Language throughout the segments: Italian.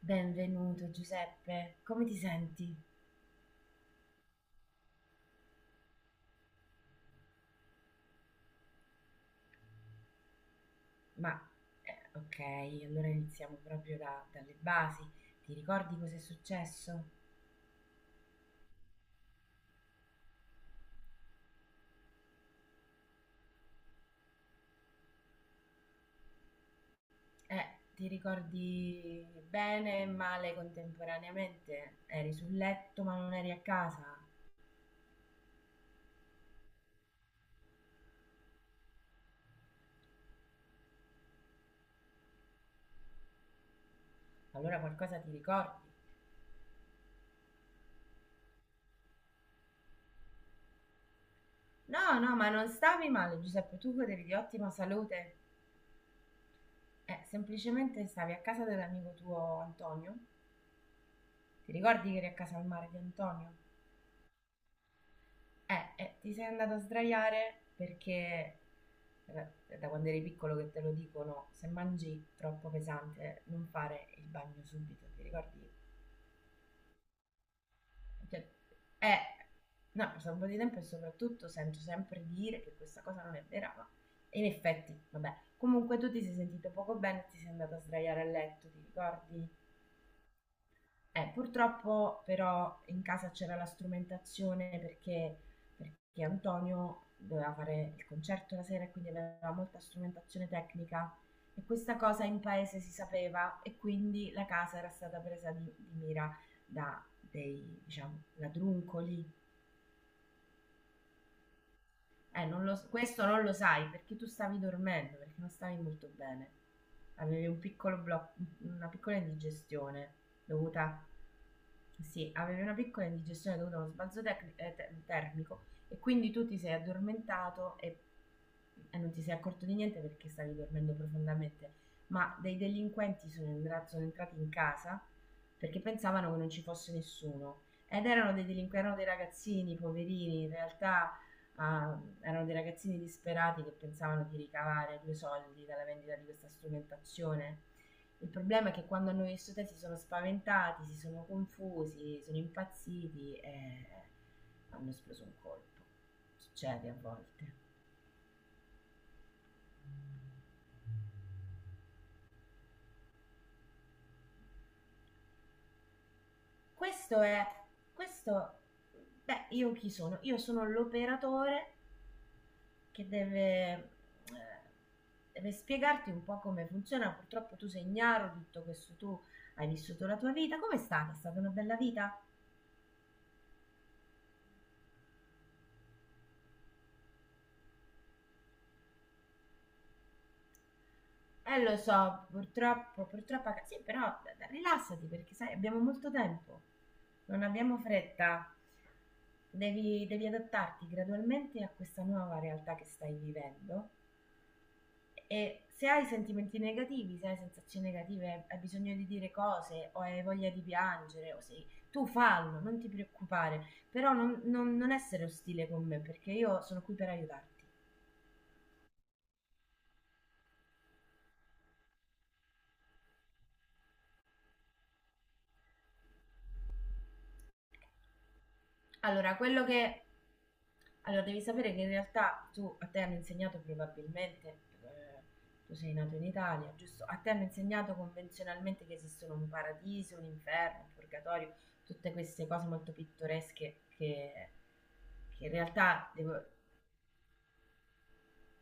Benvenuto Giuseppe, come ti senti? Ma ok, allora iniziamo proprio dalle basi. Ti ricordi cosa è successo? Eh, ti ricordi bene e male contemporaneamente? Eri sul letto ma non eri a casa? Allora qualcosa ti ricordi? No, no, ma non stavi male Giuseppe, tu godevi di ottima salute. Semplicemente stavi a casa dell'amico tuo Antonio? Ti ricordi che eri a casa al mare di Antonio? Ti sei andato a sdraiare perché da quando eri piccolo che te lo dicono, se mangi troppo pesante non fare il bagno subito, ti ricordi? Cioè, eh, no, passa un po' di tempo e soprattutto sento sempre dire che questa cosa non è vera, ma in effetti, vabbè. Comunque tu ti sei sentito poco bene e ti sei andato a sdraiare a letto, ti ricordi? Purtroppo però in casa c'era la strumentazione perché Antonio doveva fare il concerto la sera e quindi aveva molta strumentazione tecnica e questa cosa in paese si sapeva e quindi la casa era stata presa di mira da dei diciamo, ladruncoli. Non lo- questo non lo sai perché tu stavi dormendo, perché non stavi molto bene. Avevi una piccola indigestione dovuta. Sì, avevi una piccola indigestione dovuta a uno sbalzo termico e quindi tu ti sei addormentato e non ti sei accorto di niente perché stavi dormendo profondamente. Ma dei delinquenti sono entrati in casa perché pensavano che non ci fosse nessuno. Ed erano dei delinquenti, erano dei ragazzini, poverini, in realtà. Ah, erano dei ragazzini disperati che pensavano di ricavare due soldi dalla vendita di questa strumentazione. Il problema è che quando hanno visto te si sono spaventati, si sono confusi, sono impazziti e hanno esploso un colpo. Succede a volte. Questo è... Questo... Beh, io chi sono? Io sono l'operatore che deve spiegarti un po' come funziona. Purtroppo tu sei ignaro di tutto questo, tu hai vissuto la tua vita. Come è stata? È stata una bella vita? Lo so, purtroppo, purtroppo, sì, però rilassati perché sai, abbiamo molto tempo, non abbiamo fretta. Devi adattarti gradualmente a questa nuova realtà che stai vivendo. E se hai sentimenti negativi, se hai sensazioni negative, hai bisogno di dire cose o hai voglia di piangere o sei. Tu fallo, non ti preoccupare, però non essere ostile con me perché io sono qui per aiutarti. Allora, quello che... Allora, devi sapere che in realtà a te hanno insegnato probabilmente, tu sei nato in Italia, giusto? A te hanno insegnato convenzionalmente che esistono un paradiso, un inferno, un purgatorio, tutte queste cose molto pittoresche che in realtà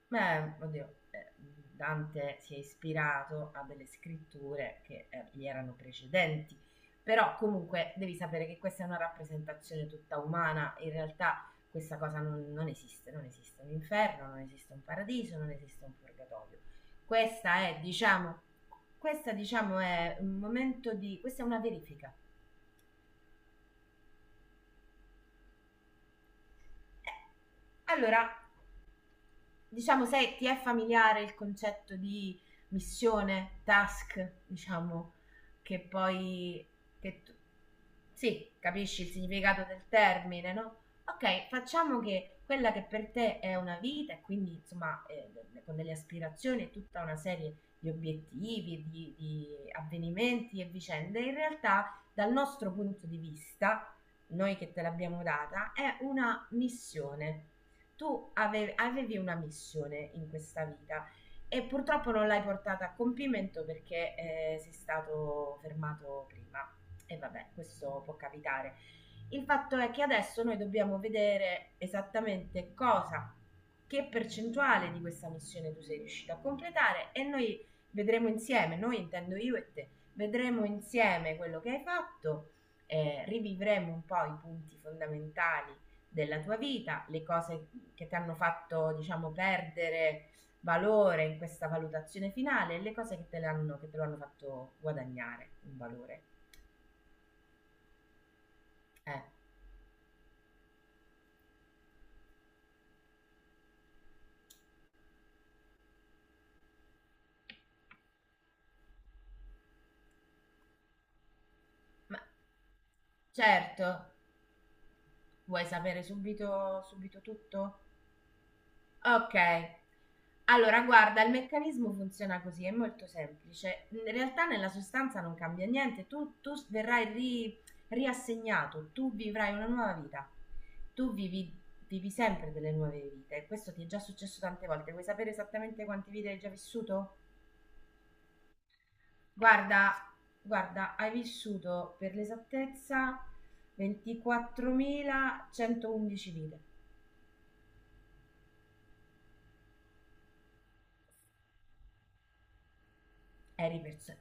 Beh, oddio, Dante si è ispirato a delle scritture che gli erano precedenti, però comunque devi sapere che questa è una rappresentazione tutta umana, in realtà questa cosa non esiste, non esiste un inferno, non esiste un paradiso, non esiste un purgatorio. Questa è, diciamo, questa diciamo è un momento di, questa è una verifica. Eh, Allora, diciamo, se ti è familiare il concetto di missione, task, diciamo, che poi... Che tu- sì, capisci il significato del termine, no? Ok, facciamo che quella che per te è una vita e quindi, insomma, con delle aspirazioni e tutta una serie di obiettivi, di avvenimenti e vicende, in realtà dal nostro punto di vista, noi che te l'abbiamo data, è una missione. Tu avevi una missione in questa vita e purtroppo non l'hai portata a compimento perché sei stato fermato prima. E vabbè, questo può capitare. Il fatto è che adesso noi dobbiamo vedere esattamente cosa, che percentuale di questa missione tu sei riuscito a completare e noi vedremo insieme, noi intendo io e te, vedremo insieme quello che hai fatto, rivivremo un po' i punti fondamentali della tua vita, le cose che ti hanno fatto, diciamo, perdere valore in questa valutazione finale e le cose che te lo hanno fatto guadagnare un valore. Eh, ma certo, vuoi sapere subito, subito tutto? Okay. Allora guarda, il meccanismo funziona così, è molto semplice. In realtà nella sostanza non cambia niente, tu tu s verrai ri riassegnato, tu vivrai una nuova vita. Tu vivi sempre delle nuove vite. Questo ti è già successo tante volte. Vuoi sapere esattamente quante vite hai già vissuto? Guarda guarda, hai vissuto per l'esattezza 24.111 vite. eri, perso-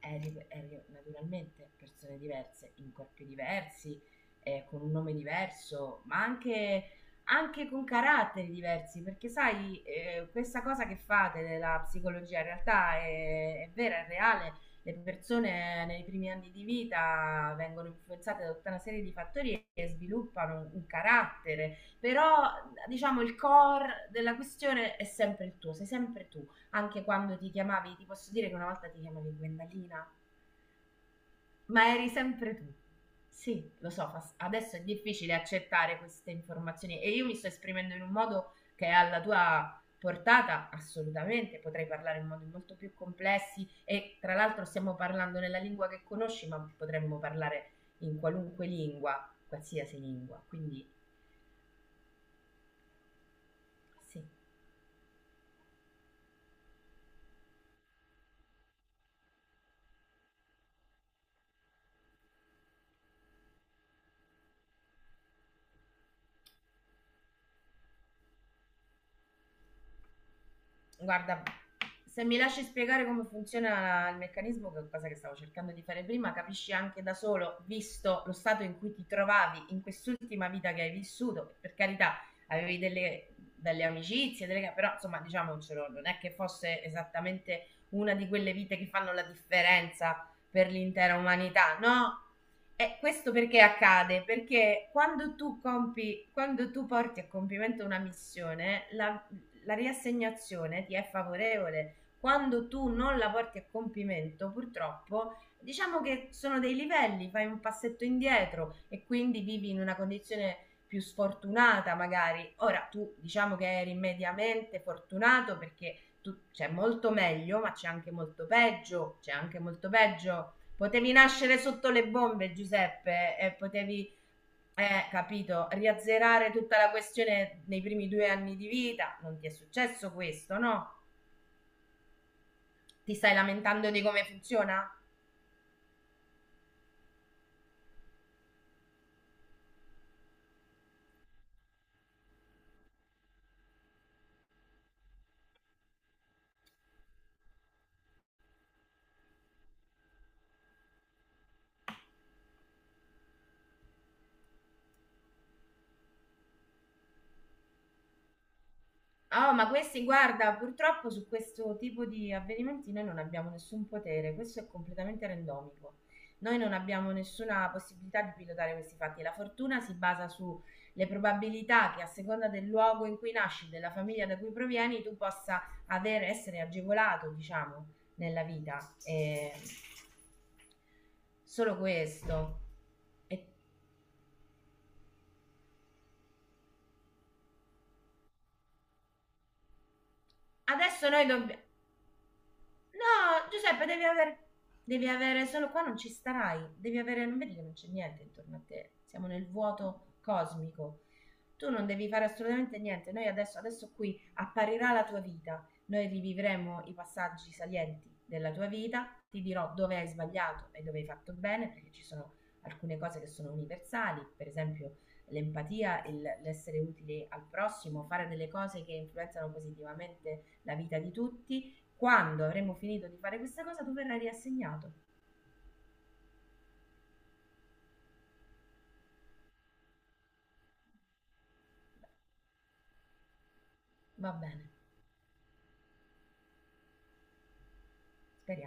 eri naturalmente persone diverse, in corpi diversi, con un nome diverso, ma anche con caratteri diversi, perché sai, questa cosa che fate della psicologia in realtà è vera, è reale. Le persone nei primi anni di vita vengono influenzate da tutta una serie di fattori che sviluppano un carattere, però diciamo il core della questione è sempre il tuo, sei sempre tu anche quando ti chiamavi, ti posso dire che una volta ti chiamavi Gwendalina, ma eri sempre tu. Sì, lo so, adesso è difficile accettare queste informazioni e io mi sto esprimendo in un modo che è alla tua portata, assolutamente, potrei parlare in modi molto più complessi e tra l'altro stiamo parlando nella lingua che conosci, ma potremmo parlare in qualunque lingua, qualsiasi lingua, quindi sì. Guarda, se mi lasci spiegare come funziona il meccanismo, che è cosa che stavo cercando di fare prima, capisci anche da solo, visto lo stato in cui ti trovavi in quest'ultima vita che hai vissuto, per carità, avevi delle, delle amicizie, delle, però insomma diciamocelo, non è che fosse esattamente una di quelle vite che fanno la differenza per l'intera umanità, no? E questo perché accade? Perché quando tu compi, quando tu porti a compimento una missione, la, la riassegnazione ti è favorevole. Quando tu non la porti a compimento, purtroppo, diciamo che sono dei livelli, fai un passetto indietro e quindi vivi in una condizione più sfortunata magari. Ora tu diciamo che eri mediamente fortunato perché c'è molto meglio, ma c'è anche molto peggio, c'è anche molto peggio. Potevi nascere sotto le bombe, Giuseppe, e potevi, capito, riazzerare tutta la questione nei primi 2 anni di vita. Non ti è successo questo, no? Ti stai lamentando di come funziona? Oh, ma questi, guarda, purtroppo su questo tipo di avvenimenti noi non abbiamo nessun potere, questo è completamente randomico. Noi non abbiamo nessuna possibilità di pilotare questi fatti. La fortuna si basa sulle probabilità che a seconda del luogo in cui nasci, della famiglia da cui provieni, tu possa avere, essere agevolato, diciamo, nella vita. E solo questo. E adesso noi dobbiamo... No, Giuseppe, devi avere, solo qua non ci starai, devi avere, non vedi che non c'è niente intorno a te, siamo nel vuoto cosmico. Tu non devi fare assolutamente niente, noi adesso, adesso qui apparirà la tua vita, noi rivivremo i passaggi salienti della tua vita, ti dirò dove hai sbagliato e dove hai fatto bene, perché ci sono alcune cose che sono universali, per esempio l'empatia, l'essere utile al prossimo, fare delle cose che influenzano positivamente la vita di tutti quando avremo finito di fare questa cosa tu verrai riassegnato. Va bene, speriamo.